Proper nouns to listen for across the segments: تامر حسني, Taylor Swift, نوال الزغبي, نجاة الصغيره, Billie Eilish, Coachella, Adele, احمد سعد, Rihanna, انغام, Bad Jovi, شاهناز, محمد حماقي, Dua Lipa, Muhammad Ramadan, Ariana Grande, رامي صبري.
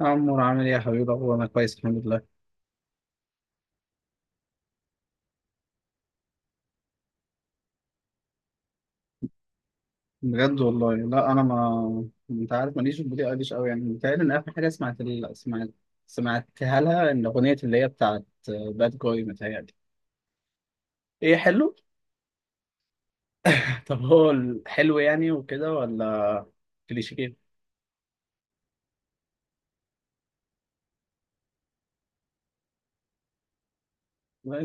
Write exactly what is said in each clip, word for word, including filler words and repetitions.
يا عمور، عامل ايه يا حبيبي؟ هو انا كويس الحمد لله. بجد والله لا، انا، ما انت عارف، ماليش في البوليس قديش قوي. يعني متهيألي ان اخر حاجه سمعت ال... سمعت سمعتها لها ان اغنيه اللي هي بتاعت باد جوي، متهيألي. ايه، حلو. طب هو الحلو يعني وكده ولا كليشيه؟ لا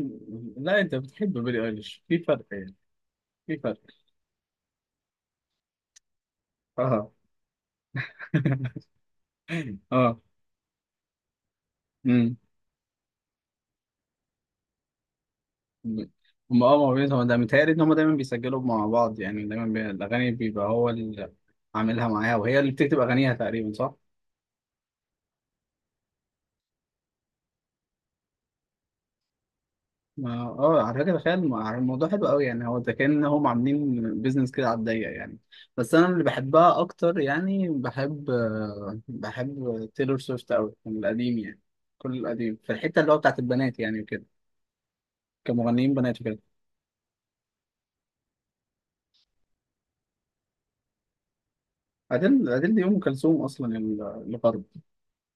لا، انت بتحب بيلي ايليش؟ في فرق يعني، في فرق. اه. اه. هم، اه موجودين. هو ده متهيألي إن هم دايما بيسجلوا مع بعض يعني، دايما بي... الأغاني بيبقى هو اللي عاملها معاها وهي اللي بتكتب أغانيها تقريبا، صح؟ ما- اه على فكرة تخيل الم- الموضوع حلو قوي يعني. هو ده كأن هم عاملين بيزنس كده على الضيق يعني. بس أنا اللي بحبها أكتر يعني، بحب آه، بحب تيلور سويفت أوي من القديم يعني، كل القديم في الحتة اللي هو بتاعت البنات يعني وكده، كمغنيين بنات وكده. أديل أديل دي أم كلثوم أصلا، ال- الغرب،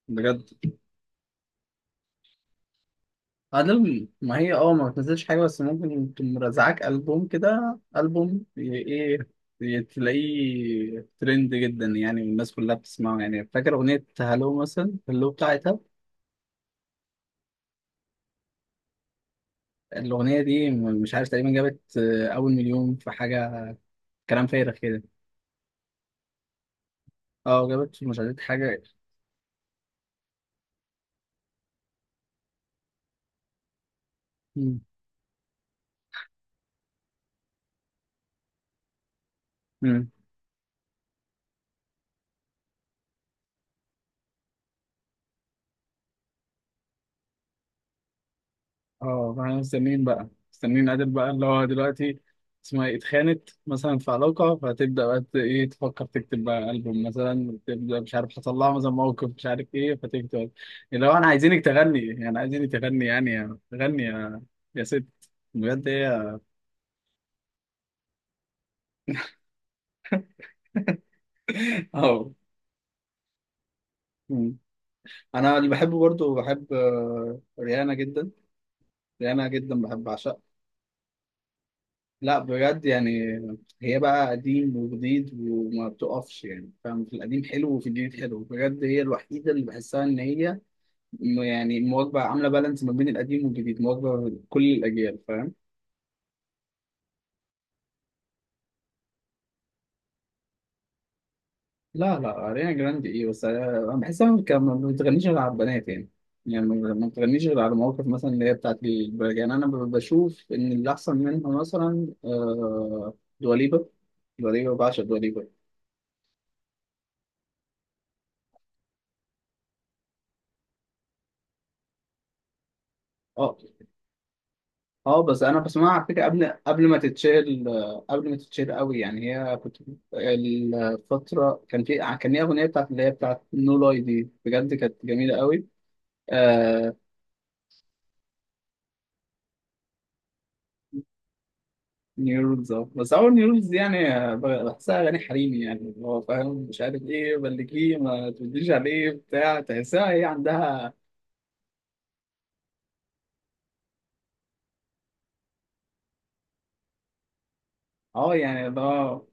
بجد. ألبوم، ما هي اه ما بتنزلش حاجة، بس ممكن تقوم مرزعاك ألبوم كده، ألبوم، ي- ايه ي- تلاقيه ترند جدا يعني، والناس كلها بتسمعه يعني. فاكر أغنية هالو مثلا؟ هالو بتاعتها. الأغنية دي م- مش عارف تقريبا جابت آه، أول مليون في حاجة، كلام فارغ كده. اه، جابت مش عارف حاجة. مم. مم. اه، فاحنا مستنيين بقى، مستنيين عادل بقى اللي هو دلوقتي اسمها ايه اتخانت مثلا في علاقة، فتبدأ بقى ت- ايه تفكر تكتب بقى ألبوم مثلا، تبدأ مش عارف حصل لها مثلا موقف مش عارف ايه، فتكتب اللي هو انا عايزينك تغني يعني، عايزينك تغني يعني، يا- تغني يا يا ست. بجد، هي. اه. مم. انا اللي بحبه برضو، بحب آه، ريانا جدا، ريانا جدا بحب، اعشقها. لا بجد يعني، هي بقى قديم وجديد وما بتقفش يعني، فاهم، في القديم حلو وفي الجديد حلو، بجد هي الوحيدة اللي بحسها إن هي م- يعني مواكبة، عاملة بالانس ما بين القديم والجديد، مواكبة كل الأجيال، فاهم. لا لا، أريانا جراندي إيه، بس أنا أنا بحسها ما كان- ما بتغنيش غير على البنات يعني، يعني ما ما بتغنيش غير على مواقف مثلا اللي هي بتاعت البنات يعني. أنا ب- بشوف إن اللي أحسن منها مثلا آه، دواليبا. دواليبا بعشق دواليبا. اه، اه، بس انا بسمعها على فكره قبل قبل ما تتشهر، قبل ما تتشهر قوي يعني. هي كنت الفتره، كان في كان ليها اغنيه بتاعت اللي هي بتاعت نو لاي دي، بجد كانت جميله قوي. آه، نيو رولز. اه، بس اول نيو رولز دي يعني، آه، بحسها اغاني حريمي يعني، اللي هو فاهم مش عارف ايه، بلكيه ما تقوليش عليه بتاع، تحسها هي عندها. اه يعني اللي هو.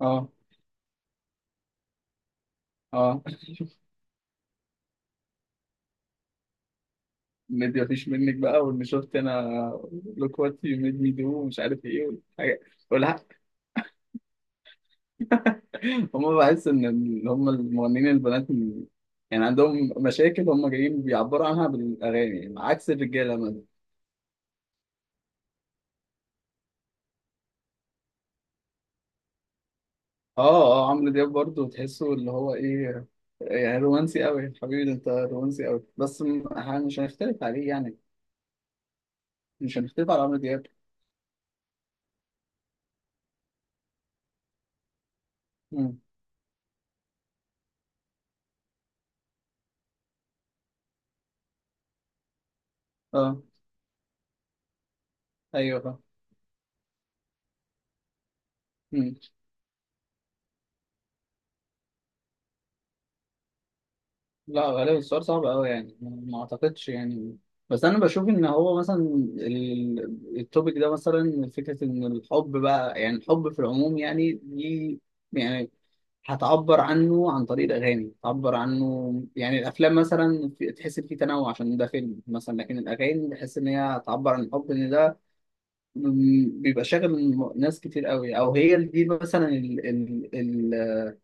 اه، اه، ميد مفيش منك بقى، واللي شفت انا لوك وات يو ميد مي دو، مش عارف ايه والحاجات. والح- هم، بحس ان اللي هم المغنيين البنات، ال- يعني عندهم مشاكل هم جايين بيعبروا عنها بالاغاني، عكس الرجاله مثلا. اه، اه، عمرو دياب برضه تحسه اللي هو ايه، يعني رومانسي قوي حبيبي ده، انت رومانسي قوي، بس م- ح- مش هنختلف عليه يعني، مش هنختلف على عمرو دياب. مم. اه، ايوه، فاهم. لا، غالبا السؤال صعب قوي يعني، ما اعتقدش يعني. بس انا بشوف ان هو مثلا ال- التوبيك ده مثلا، فكره ان الحب بقى، يعني الحب في العموم يعني، دي يعني هتعبر عنه عن طريق الاغاني، هتعبر عنه يعني. الافلام مثلا في- تحس ان في تنوع عشان ده فيلم مثلا، لكن الاغاني بحس ان هي هتعبر عن الحب، ان ده م- بيبقى شاغل م- ناس كتير قوي، او هي دي مثلا ال ال ال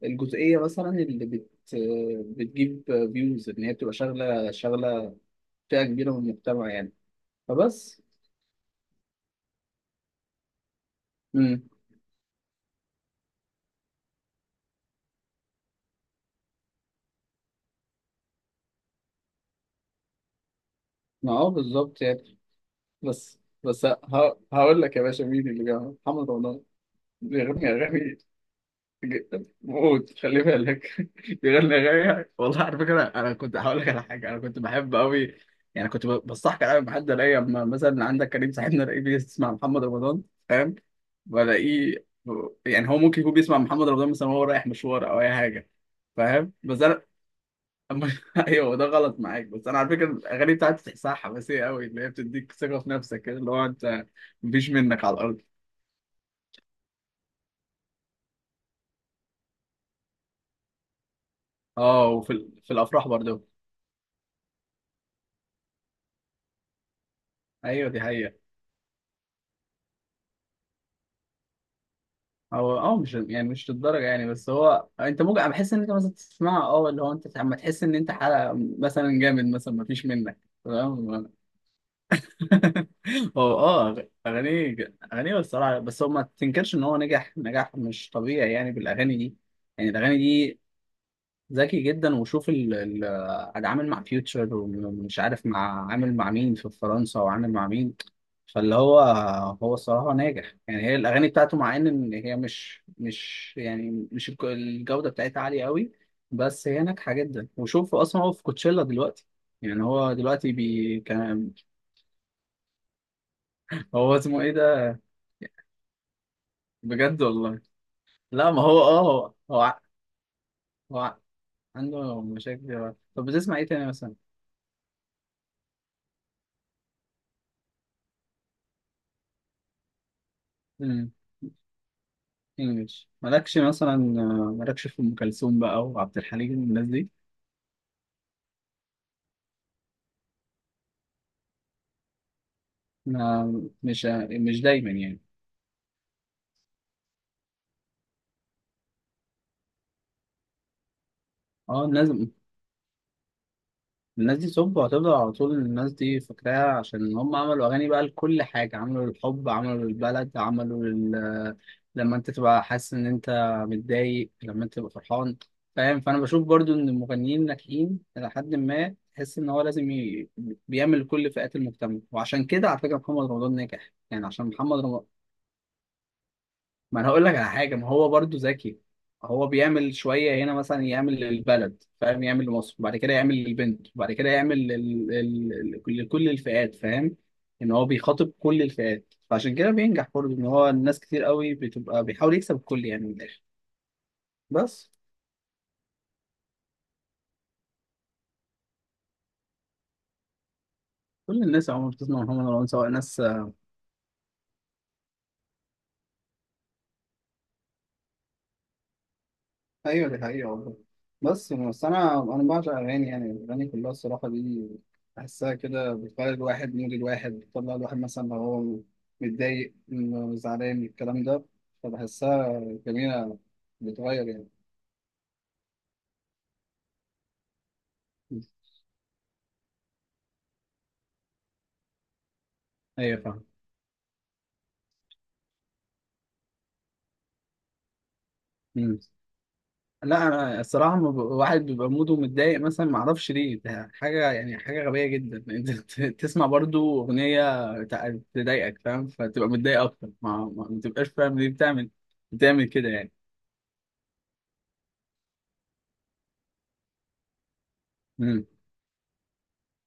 الجزئيه مثلا اللي بت بتجيب فيوز، ان هي بتبقى شغله، شغله فئه كبيره من المجتمع يعني. فبس. امم. ما هو بالظبط يعني. بس، بس ه- هقول لك يا باشا، مين اللي جابها؟ محمد رمضان بيغني اغاني جدا، موت خلي بالك. بيغني اغاني والله. على فكره انا كنت هقول لك على حاجه، انا كنت بحب قوي يعني، كنت ب- بستحقر قوي بحد، الاقي اما مثلا عندك كريم صاحبنا، الاقيه بيسمع محمد رمضان، فاهم، بلاقيه يعني، هو ممكن يكون بيسمع محمد رمضان مثلا وهو رايح مشوار او اي حاجه، فاهم. بس انا أما- ايوه، ده غلط معاك، بس انا على فكره الاغاني بتاعتي تحسها حماسيه قوي، اللي هي بتديك ثقه في نفسك كده، اللي هو انت مفيش منك على الارض. اه، وفي ال- في الافراح برضه. ايوه، دي حقيقه. هو اه مش يعني، مش للدرجه يعني، بس هو انت ممكن، أنا بحس ان انت مثلا تسمعه، اه اللي هو انت لما تحس ان انت حلقه مثلا جامد مثلا، ما فيش منك. تمام. هو، اه اغانيه اغانيه الصراحه، بس هو ما تنكرش ان هو نجح نجاح مش طبيعي يعني بالاغاني دي، يعني الاغاني دي ذكي جدا. وشوف ال ال عاد عامل مع فيوتشر، ومش عارف مع، عامل مع مين في فرنسا، وعامل مع مين. فاللي هو، هو الصراحة ناجح يعني، هي الأغاني بتاعته مع إن إن هي مش مش يعني مش، الك- الجودة بتاعتها عالية قوي، بس هي ناجحة جدا. وشوف أصلا هو في كوتشيلا دلوقتي، يعني هو دلوقتي بي كان، هو اسمه إيه ده؟ بجد والله. لا، ما هو، آه هو هو, ع- هو ع- عنده مشاكل دلوقتي. طب بتسمع إيه تاني مثلا؟ امم. إنجلش؟ مالكش مثلا، مالكش في أم كلثوم بقى وعبد الحليم والناس دي؟ ما- مش، مش دايما يعني، اه، الناس الناس دي سب، وهتفضل على طول الناس دي فاكراها عشان هم عملوا أغاني بقى لكل حاجة، عملوا للحب، عملوا للبلد، عملوا لل... لما أنت تبقى حاسس إن أنت متضايق، لما أنت تبقى فرحان، فاهم. فأنا بشوف برضو إن المغنيين الناجحين إلى حد ما، تحس إن هو لازم ي... بيعمل لكل فئات المجتمع. وعشان كده على فكرة محمد رمضان ناجح يعني، عشان محمد رمضان، ما انا هقول لك على حاجه، ما هو برضو ذكي. هو بيعمل شويه هنا مثلا، يعمل للبلد فاهم، يعمل لمصر، وبعد كده يعمل للبنت، وبعد كده يعمل لل... لل... لل- لكل الفئات، فاهم، ان هو بيخاطب كل الفئات، فعشان كده بينجح برضو. ان هو، الناس كتير قوي بتبقى، بيحاول يكسب الكل يعني من الاخر. بس، كل الناس عموما بتسمع محمد رمضان سواء ناس. ايوه، دي حقيقة والله. بس بس انا انا بعشق اغاني يعني، الاغاني كلها الصراحة دي، بحسها كده بتغير الواحد، مود الواحد بتطلع، الواحد مثلا لو هو متضايق إنه زعلان الكلام ده، فبحسها جميلة، بتغير يعني. ايوه، فاهم. مم. لا، انا الصراحه ما، ب- واحد بيبقى موده متضايق مثلا، ما اعرفش ليه، ده حاجه يعني حاجه غبيه جدا. انت ت- تسمع برضو اغنيه تع- تضايقك فاهم، فتبقى متضايق اكتر، ما ما ما تبقاش فاهم ليه بتعمل بتعمل كده يعني. مم.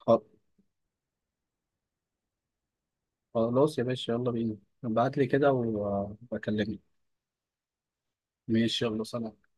خل- خلاص يا باشا، يلا بينا. ابعت لي كده وبكلمك. ماشي، يلا، سلام.